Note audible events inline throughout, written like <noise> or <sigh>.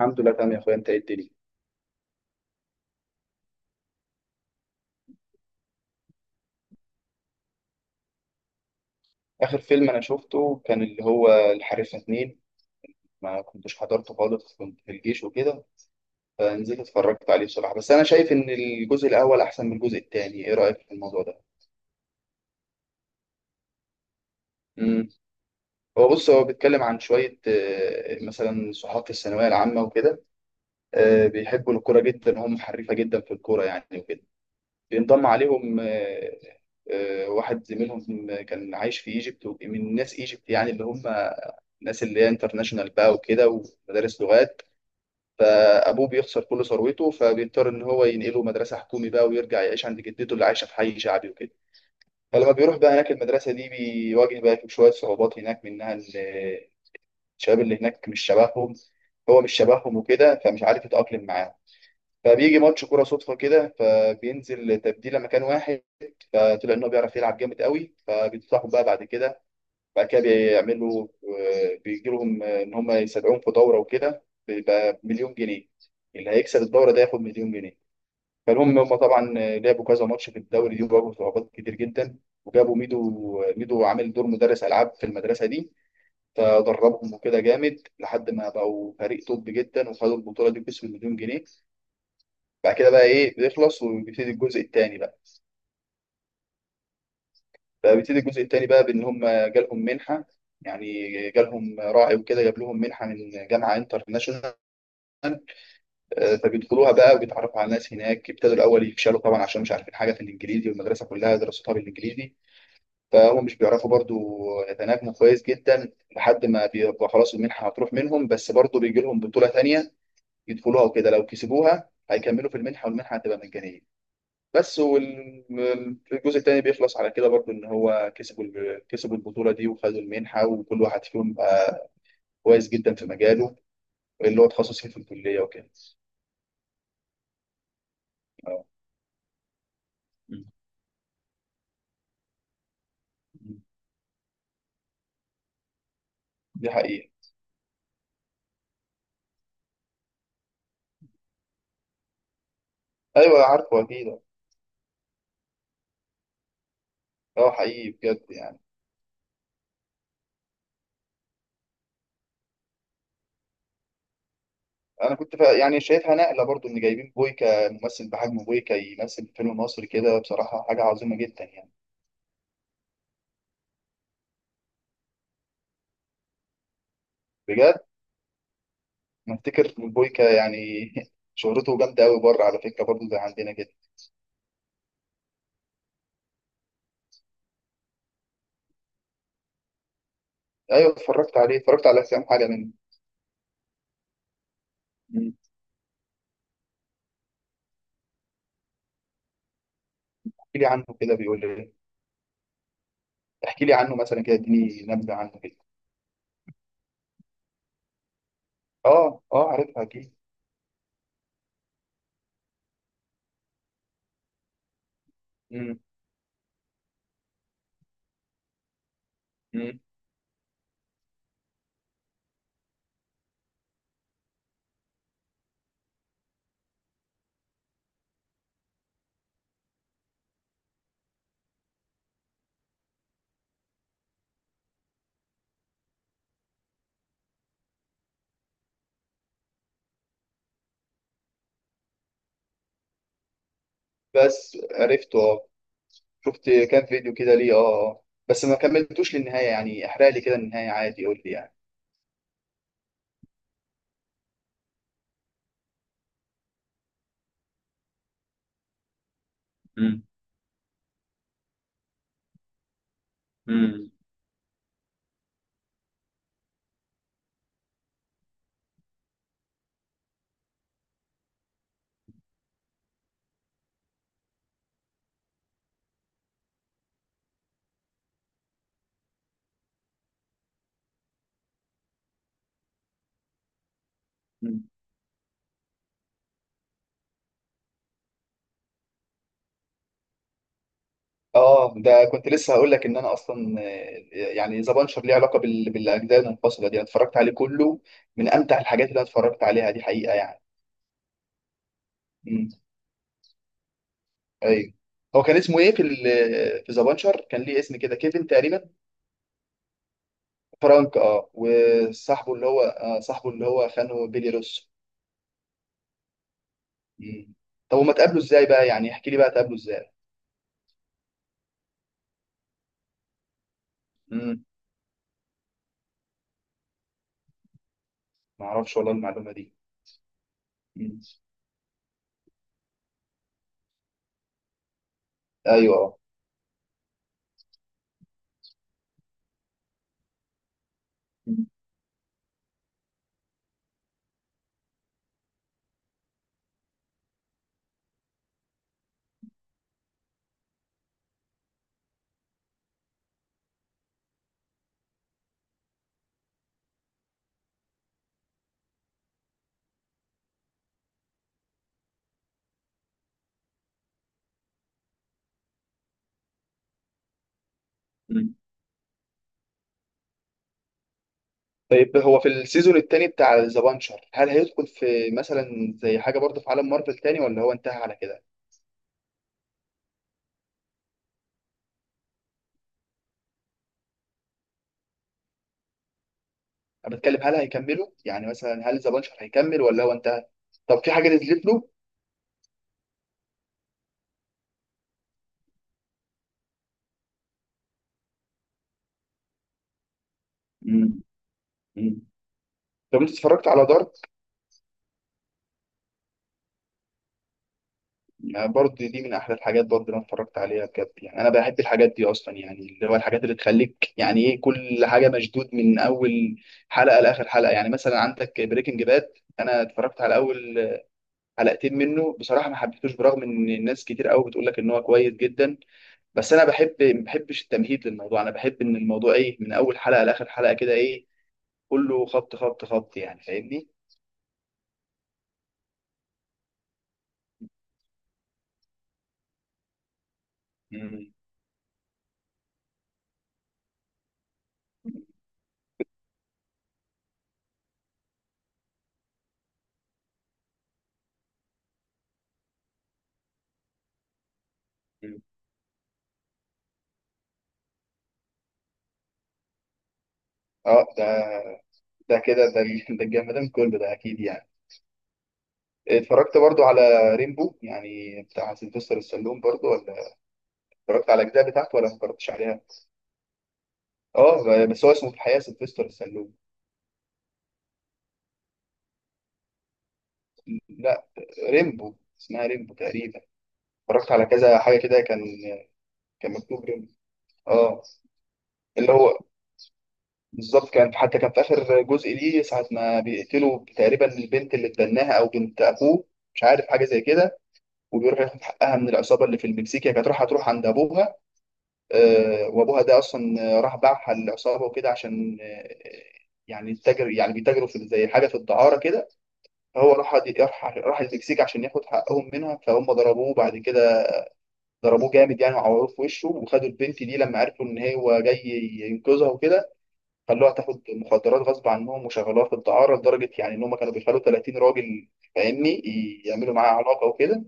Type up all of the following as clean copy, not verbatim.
الحمد لله تمام يا اخويا، انت ايه الدنيا؟ اخر فيلم انا شفته كان اللي هو الحريفه اتنين. ما كنتش حضرته خالص، كنت في الجيش وكده، فنزلت اتفرجت عليه بصراحه. بس انا شايف ان الجزء الاول احسن من الجزء التاني. ايه رايك في الموضوع ده؟ امم هو بص، بيتكلم عن شويه مثلا صحاب في الثانويه العامه وكده. بيحبوا الكوره جدا، وهم حريفه جدا في الكوره يعني وكده. بينضم عليهم واحد زميلهم كان عايش في ايجيبت، من ناس ايجيبت يعني، اللي هم الناس اللي هي انترناشونال بقى وكده ومدارس لغات. فابوه بيخسر كل ثروته، فبيضطر ان هو ينقله مدرسه حكومي بقى ويرجع يعيش عند جدته اللي عايشه في حي شعبي وكده. فلما بيروح بقى هناك المدرسه دي، بيواجه بقى شويه صعوبات هناك، منها إن الشباب اللي هناك مش شبههم. هو مش شبههم وكده، فمش عارف يتاقلم معاهم. فبيجي ماتش كوره صدفه كده، فبينزل تبديله مكان واحد، فطلع ان هو بيعرف يلعب جامد قوي، فبينصحهم بقى بعد كده بيعملوا بيجي لهم ان هم يستدعوهم في دوره وكده، بيبقى مليون جنيه. اللي هيكسب الدوره ده ياخد مليون جنيه. فالمهم هم طبعا لعبوا كذا ماتش في الدوري دي، وواجهوا صعوبات كتير جدا. وجابوا ميدو عامل دور مدرس العاب في المدرسه دي، فدربهم وكده جامد لحد ما بقوا فريق توب جدا، وخدوا البطوله دي باسم مليون جنيه. بعد كده بقى ايه، بيخلص وبيبتدي الجزء الثاني. فبيبتدي الجزء التاني بقى بان هم جالهم منحه يعني. جالهم راعي وكده، جاب لهم منحه من جامعه انترناشونال. فبيدخلوها بقى وبيتعرفوا على ناس هناك. ابتدوا الاول يفشلوا طبعا عشان مش عارفين حاجه في الانجليزي، والمدرسه كلها دراستها بالانجليزي. فهم مش بيعرفوا برضو يتناغموا كويس جدا، لحد ما بيبقى خلاص المنحه هتروح منهم، بس برضو بيجي لهم بطوله تانيه يدخلوها وكده. لو كسبوها هيكملوا في المنحه، والمنحه هتبقى مجانيه بس. والجزء التاني بيخلص على كده برضو، ان هو كسبوا البطوله دي، وخدوا المنحه، وكل واحد فيهم بقى كويس جدا في مجاله اللي هو تخصص فيه في الكليه وكده. اه. م. دي حقيقه. ايوه عارفه اكيد. اه حقيقي بجد يعني. يعني شايفها نقله برضو، ان جايبين بويكا. ممثل بحجم بويكا يمثل في فيلم مصري كده، بصراحه حاجه عظيمه جدا يعني. بجد. نفتكر بويكا يعني. <laughs> شهرته جامده قوي بره على فكره، برضو زي عندنا كده. ايوه اتفرجت عليه، اتفرجت على كام حاجه منه. مم. احكي لي عنه كده، بيقول لي إيه؟ احكي لي عنه مثلا كده، اديني نبذه عنه كده. اه اه، عارفها اكيد. مم. مم. بس عرفته اه، شفت كام فيديو كده ليه. اه اه. بس ما كملتوش للنهايه يعني، احرق لي كده النهايه عادي، قول لي يعني. مم. مم. مم. اه، ده كنت لسه هقول لك ان انا اصلا يعني ذا بانشر ليه علاقه بالاجزاء المنفصله دي. انا اتفرجت عليه كله، من امتع الحاجات اللي انا اتفرجت عليها دي حقيقه يعني. مم. ايوه. هو كان اسمه ايه في ذا بانشر؟ كان ليه اسم كده، كيفن تقريبا. فرانك، اه. وصاحبه اللي هو صاحبه اللي هو خانه، بيلي روسو. مم. طب هما اتقابلوا ازاي بقى يعني؟ احكي لي بقى، اتقابلوا ازاي؟ مم. ما اعرفش والله المعلومه دي. مم. ايوه اه. مم. مم. طيب، هو في السيزون التاني بتاع ذا بانشر، هل هيدخل في مثلا زي حاجه برضه في عالم مارفل تاني، ولا هو انتهى على كده؟ انا بتكلم، هل هيكملوا يعني؟ مثلا هل ذا بانشر هيكمل ولا هو انتهى؟ طب في حاجه نزلت له؟ مم. مم. طب انت اتفرجت على دارك؟ يعني برضه دي من احلى الحاجات برضه اللي انا اتفرجت عليها بجد يعني. انا بحب الحاجات دي اصلا يعني، اللي هو الحاجات اللي تخليك يعني ايه، كل حاجه مشدود من اول حلقه لاخر حلقه يعني. مثلا عندك بريكنج باد، انا اتفرجت على اول حلقتين منه بصراحه، ما حبيتوش، برغم ان الناس كتير قوي بتقول لك ان هو كويس جدا. بس انا ما بحبش التمهيد للموضوع. انا بحب ان الموضوع ايه، من اول حلقه لاخر حلقه كده، ايه، كله خبط خبط خبط يعني، فاهمني؟ مم. اه ده كده ده <laughs> ده الجمدان كله ده اكيد يعني. اتفرجت برضو على ريمبو يعني، بتاع سيلفستر السلوم، برضو ولا؟ اتفرجت على الاجزاء بتاعته ولا ما اتفرجتش عليها؟ اه، بس هو اسمه في الحقيقه سيلفستر السلوم. لا، ريمبو، اسمها ريمبو تقريبا. اتفرجت على كذا حاجه كده، كان مكتوب ريمبو. اه. اللي هو بالظبط، كان حتى كان في اخر جزء ليه، ساعه ما بيقتلوا تقريبا البنت اللي اتبناها، او بنت اخوه، مش عارف حاجه زي كده، وبيروح ياخد حقها من العصابه اللي في المكسيك. هي كانت رايحه تروح عند ابوها، وابوها ده اصلا راح باعها للعصابه وكده، عشان يعني التاجر، يعني بيتاجروا في زي حاجه في الدعاره كده. فهو راح المكسيك عشان ياخد حقهم منها، فهم ضربوه بعد كده، ضربوه جامد يعني، وعوروه في وشه، وخدوا البنت دي لما عرفوا ان هو جاي ينقذها وكده. خلوها تاخد مخدرات غصب عنهم، وشغلوها في الدعاره لدرجه يعني، ان هم كانوا بيخلوا 30 راجل، فاهمني، يعملوا معاها علاقه وكده.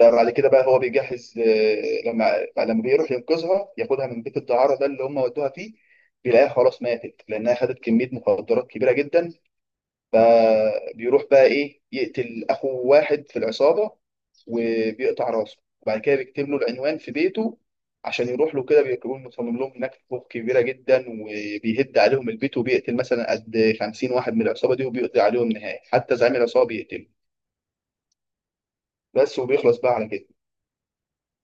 ده بعد كده بقى هو بيجهز لما بيروح ينقذها ياخدها من بيت الدعارة ده اللي هم ودوها فيه، بيلاقيها خلاص ماتت، لأنها خدت كمية مخدرات كبيرة جدا. فبيروح بقى إيه، يقتل أخو واحد في العصابة، وبيقطع راسه، وبعد كده بيكتب له العنوان في بيته عشان يروح له كده. بيكون مصمم لهم هناك فوق كبيرة جدا، وبيهد عليهم البيت، وبيقتل مثلا قد 50 واحد من العصابة دي، وبيقضي عليهم نهائي، حتى زعيم العصابة بيقتله بس. وبيخلص بقى على كده،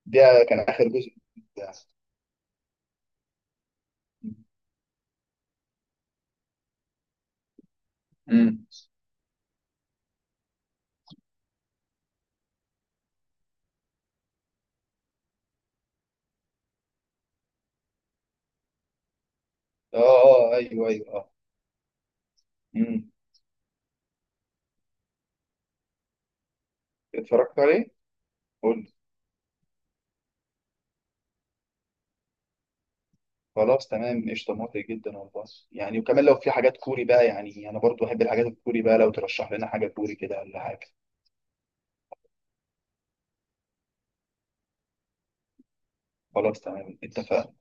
ده كان آخر جزء. امم اه اه، ايوه ايوه، اه. امم اتفرجت عليه؟ قول لي. خلاص تمام، قشطه، موافق جدا والله. يعني وكمان لو في حاجات كوري بقى، يعني انا برضو بحب الحاجات الكوري بقى، لو ترشح لنا حاجه كوري كده ولا حاجه. خلاص تمام، اتفقنا.